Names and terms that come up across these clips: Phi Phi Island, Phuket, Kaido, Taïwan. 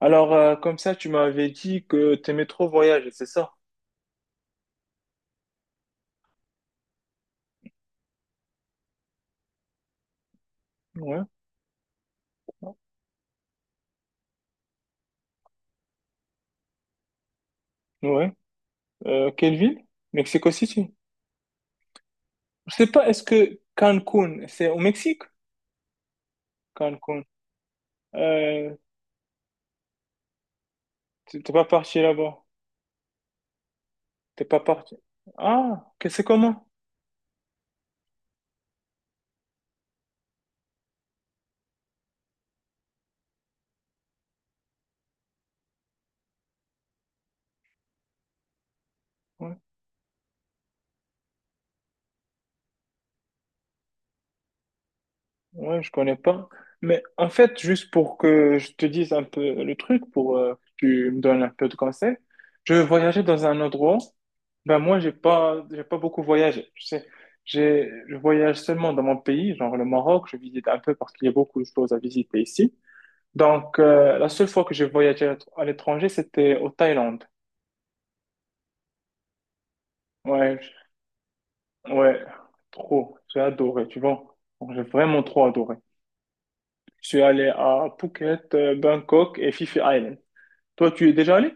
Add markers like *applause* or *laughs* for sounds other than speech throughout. Alors, comme ça, tu m'avais dit que t'aimais trop voyager, c'est ça? Ouais, ouais. Quelle ville? Mexico City. Je sais pas, est-ce que Cancun, c'est au Mexique? Cancun. Euh, t'es pas parti là-bas. T'es pas parti. Ah, que c'est comment? Ouais. Ouais, je connais pas. Mais en fait, juste pour que je te dise un peu le truc, pour que tu me donnes un peu de conseils, je voyageais dans un endroit. Ben moi, j'ai pas beaucoup voyagé. Tu sais, je voyage seulement dans mon pays, genre le Maroc. Je visite un peu parce qu'il y a beaucoup de choses à visiter ici. Donc, la seule fois que j'ai voyagé à l'étranger, c'était au Thaïlande. Ouais, je- ouais, trop. J'ai adoré, tu vois. J'ai vraiment trop adoré. Je suis allé à Phuket, Bangkok et Phi Phi Island. Toi, tu y es déjà allé?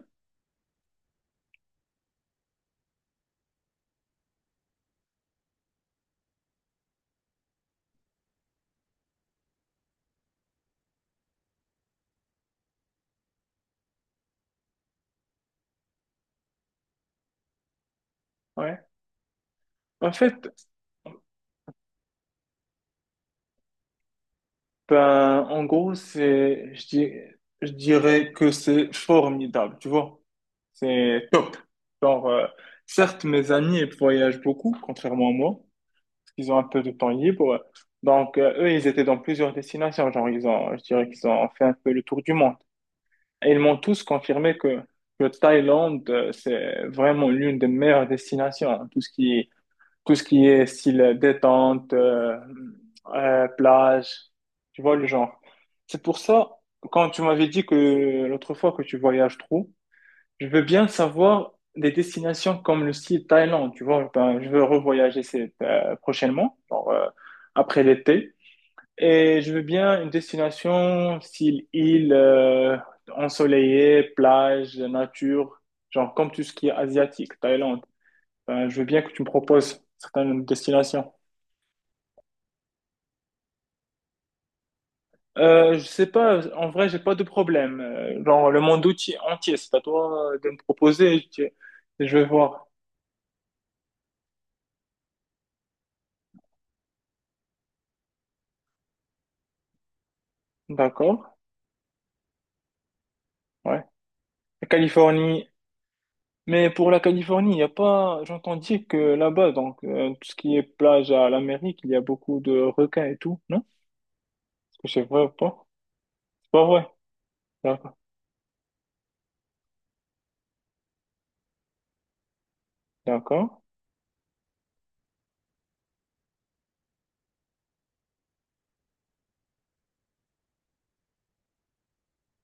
Ouais. En fait, ben, en gros, je dirais que c'est formidable, tu vois. C'est top. Genre, certes, mes amis, ils voyagent beaucoup, contrairement à moi, parce qu'ils ont un peu de temps libre. Donc, eux, ils étaient dans plusieurs destinations. Genre, je dirais qu'ils ont fait un peu le tour du monde. Et ils m'ont tous confirmé que Thaïlande, c'est vraiment l'une des meilleures destinations, hein. Tout ce qui est style détente, plage, tu vois le genre. C'est pour ça, quand tu m'avais dit que l'autre fois que tu voyages trop, je veux bien savoir des destinations comme le style Thaïlande, tu vois. Ben, je veux revoyager cette, prochainement, après l'été. Et je veux bien une destination style île, ensoleillée, plage, nature, genre comme tout ce qui est asiatique, Thaïlande. Ben, je veux bien que tu me proposes certaines destinations. Je sais pas, en vrai, j'ai pas de problème. Genre, le monde outil entier, c'est à toi de me proposer. Je vais voir. D'accord, ouais. La Californie. Mais pour la Californie, il y a pas. J'entends dire que là-bas, donc, tout ce qui est plage à l'Amérique, il y a beaucoup de requins et tout, non? Est-ce que c'est vrai ou pas? C'est pas vrai. D'accord, d'accord,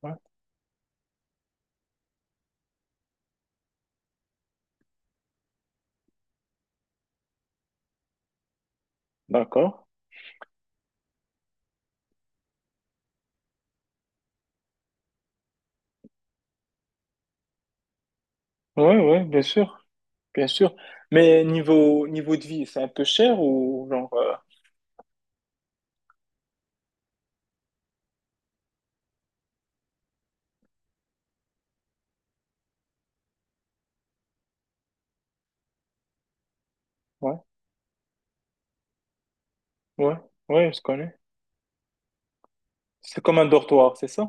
ouais, d'accord. Ouais, ouais, bien sûr, bien sûr. Mais niveau de vie, c'est un peu cher ou genre, ouais, ouais, ouais, je connais. C'est comme un dortoir, c'est ça?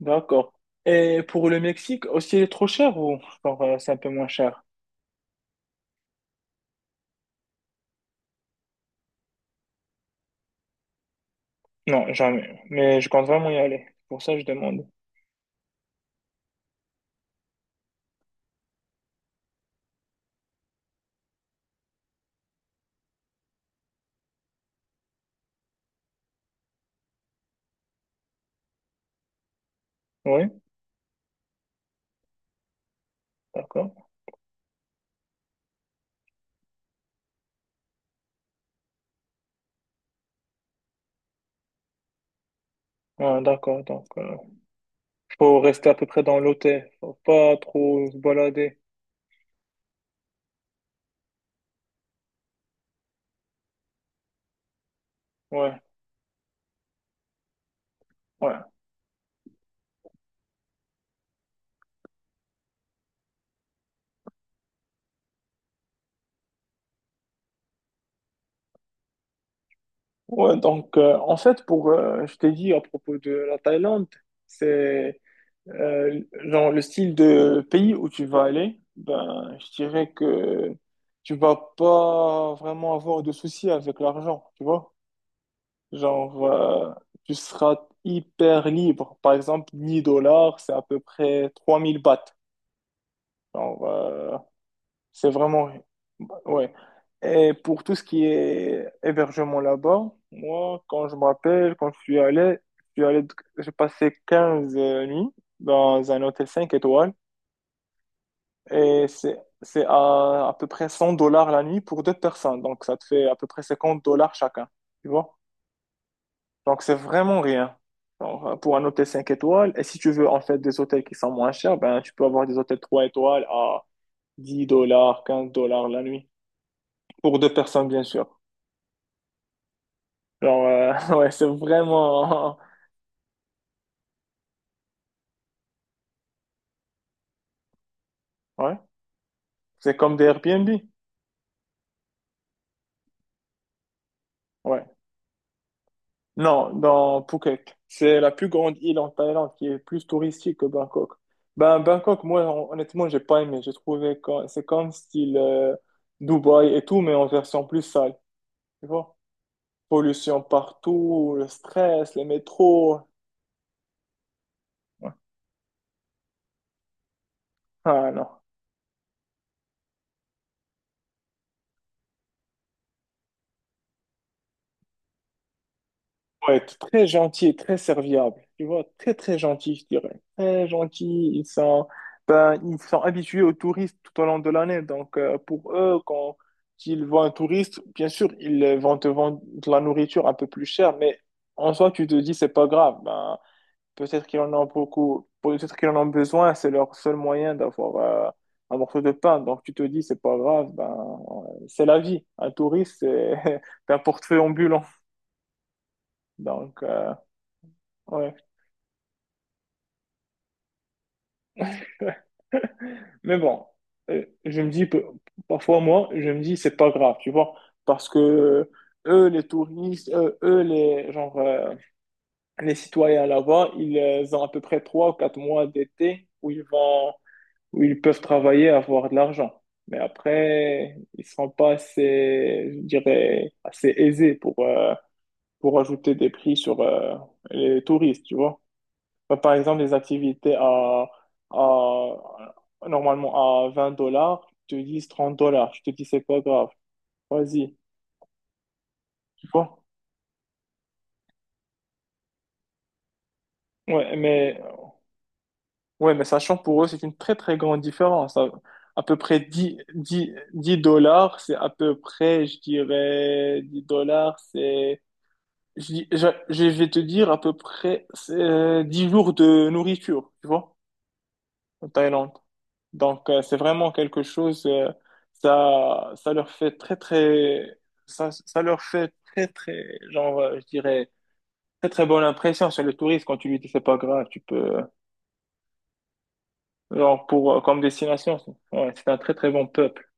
D'accord. Et pour le Mexique, aussi, il est trop cher ou genre, c'est un peu moins cher? Non, jamais. Mais je compte vraiment y aller. Pour ça, je demande. Oui, d'accord. Ah, d'accord, donc faut rester à peu près dans l'hôtel, faut pas trop se balader. Ouais, ouais. Ouais, donc en fait, pour, je t'ai dit à propos de la Thaïlande, c'est genre, le style de pays où tu vas aller, ben, je dirais que tu vas pas vraiment avoir de soucis avec l'argent, tu vois. Genre, tu seras hyper libre. Par exemple, 10 dollars, c'est à peu près 3 000 bahts. Genre, c'est vraiment, ouais. Et pour tout ce qui est hébergement là-bas, moi, quand je me rappelle, quand je suis allé, j'ai passé 15 nuits dans un hôtel 5 étoiles. Et c'est à peu près 100 dollars la nuit pour deux personnes. Donc, ça te fait à peu près 50 dollars chacun. Tu vois? Donc, c'est vraiment rien. Genre, pour un hôtel 5 étoiles. Et si tu veux, en fait, des hôtels qui sont moins chers, ben, tu peux avoir des hôtels 3 étoiles à 10 dollars, 15 dollars la nuit. Pour deux personnes, bien sûr. Genre, *laughs* ouais, c'est vraiment, *laughs* ouais. C'est comme des Airbnb. Ouais. Non, dans Phuket. C'est la plus grande île en Thaïlande qui est plus touristique que Bangkok. Ben, Bangkok, moi, honnêtement, j'ai pas aimé. J'ai trouvé que c'est comme style Dubaï et tout, mais en version plus sale. Tu vois? Pollution partout, le stress, les métros. Ouais. Ah non. Ouais, être très gentil et très serviable. Tu vois, très très gentil, je dirais. Très gentil. Ils sont, ben, ils sont habitués aux touristes tout au long de l'année. Donc, pour eux, quand ils voient un touriste, bien sûr, ils vont te vendre de la nourriture un peu plus chère, mais en soi, tu te dis, c'est pas grave. Ben, peut-être qu'ils en ont beaucoup, peut-être qu'ils en ont besoin. C'est leur seul moyen d'avoir euh, un morceau de pain. Donc, tu te dis, c'est pas grave. Ben, c'est la vie. Un touriste, c'est *laughs* un portefeuille ambulant. Donc, ouais. *laughs* Mais bon, je me dis, que- parfois moi, je me dis, c'est pas grave, tu vois, parce que eux, les touristes, eux, les citoyens là-bas, ils ont à peu près trois ou quatre mois d'été où ils peuvent travailler, avoir de l'argent. Mais après, ils seront pas assez, je dirais, assez aisés pour ajouter des prix sur les touristes, tu vois. Bah, par exemple, les activités à- normalement à 20 dollars, tu te dis 30 dollars. Je te dis, c'est pas grave. Vas-y. Tu vois? Ouais, mais, ouais, mais sachant pour eux, c'est une très, très grande différence. À peu près 10 dollars, c'est à peu près, je dirais, 10 dollars, c'est, je vais te dire à peu près, c'est 10 jours de nourriture. Tu vois? En Thaïlande. Donc, c'est vraiment quelque chose, ça, ça leur fait très, très, ça, ça leur fait très, très, je dirais, très, très bonne impression sur le touriste quand tu lui dis c'est pas grave, tu peux, comme ouais, c'est un très, très bon peuple.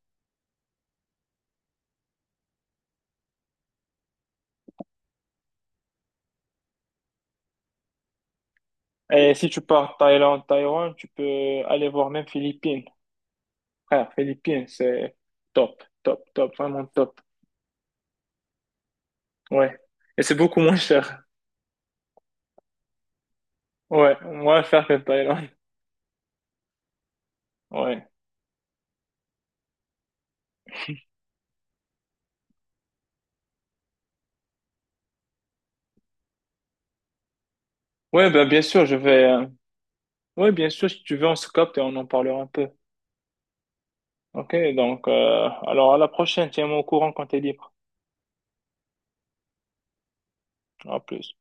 Et si tu pars Thaïlande, Taïwan, tu peux aller voir même Philippines. Frère, Philippines, c'est top, top, top, vraiment top. Ouais. Et c'est beaucoup moins cher. Ouais, moins cher que Thaïlande. Ouais. Ouais, ben, bien sûr, oui, bien sûr, si tu veux, on se capte et on en parlera un peu. Ok, donc, alors à la prochaine, tiens-moi au courant quand t'es libre. À plus.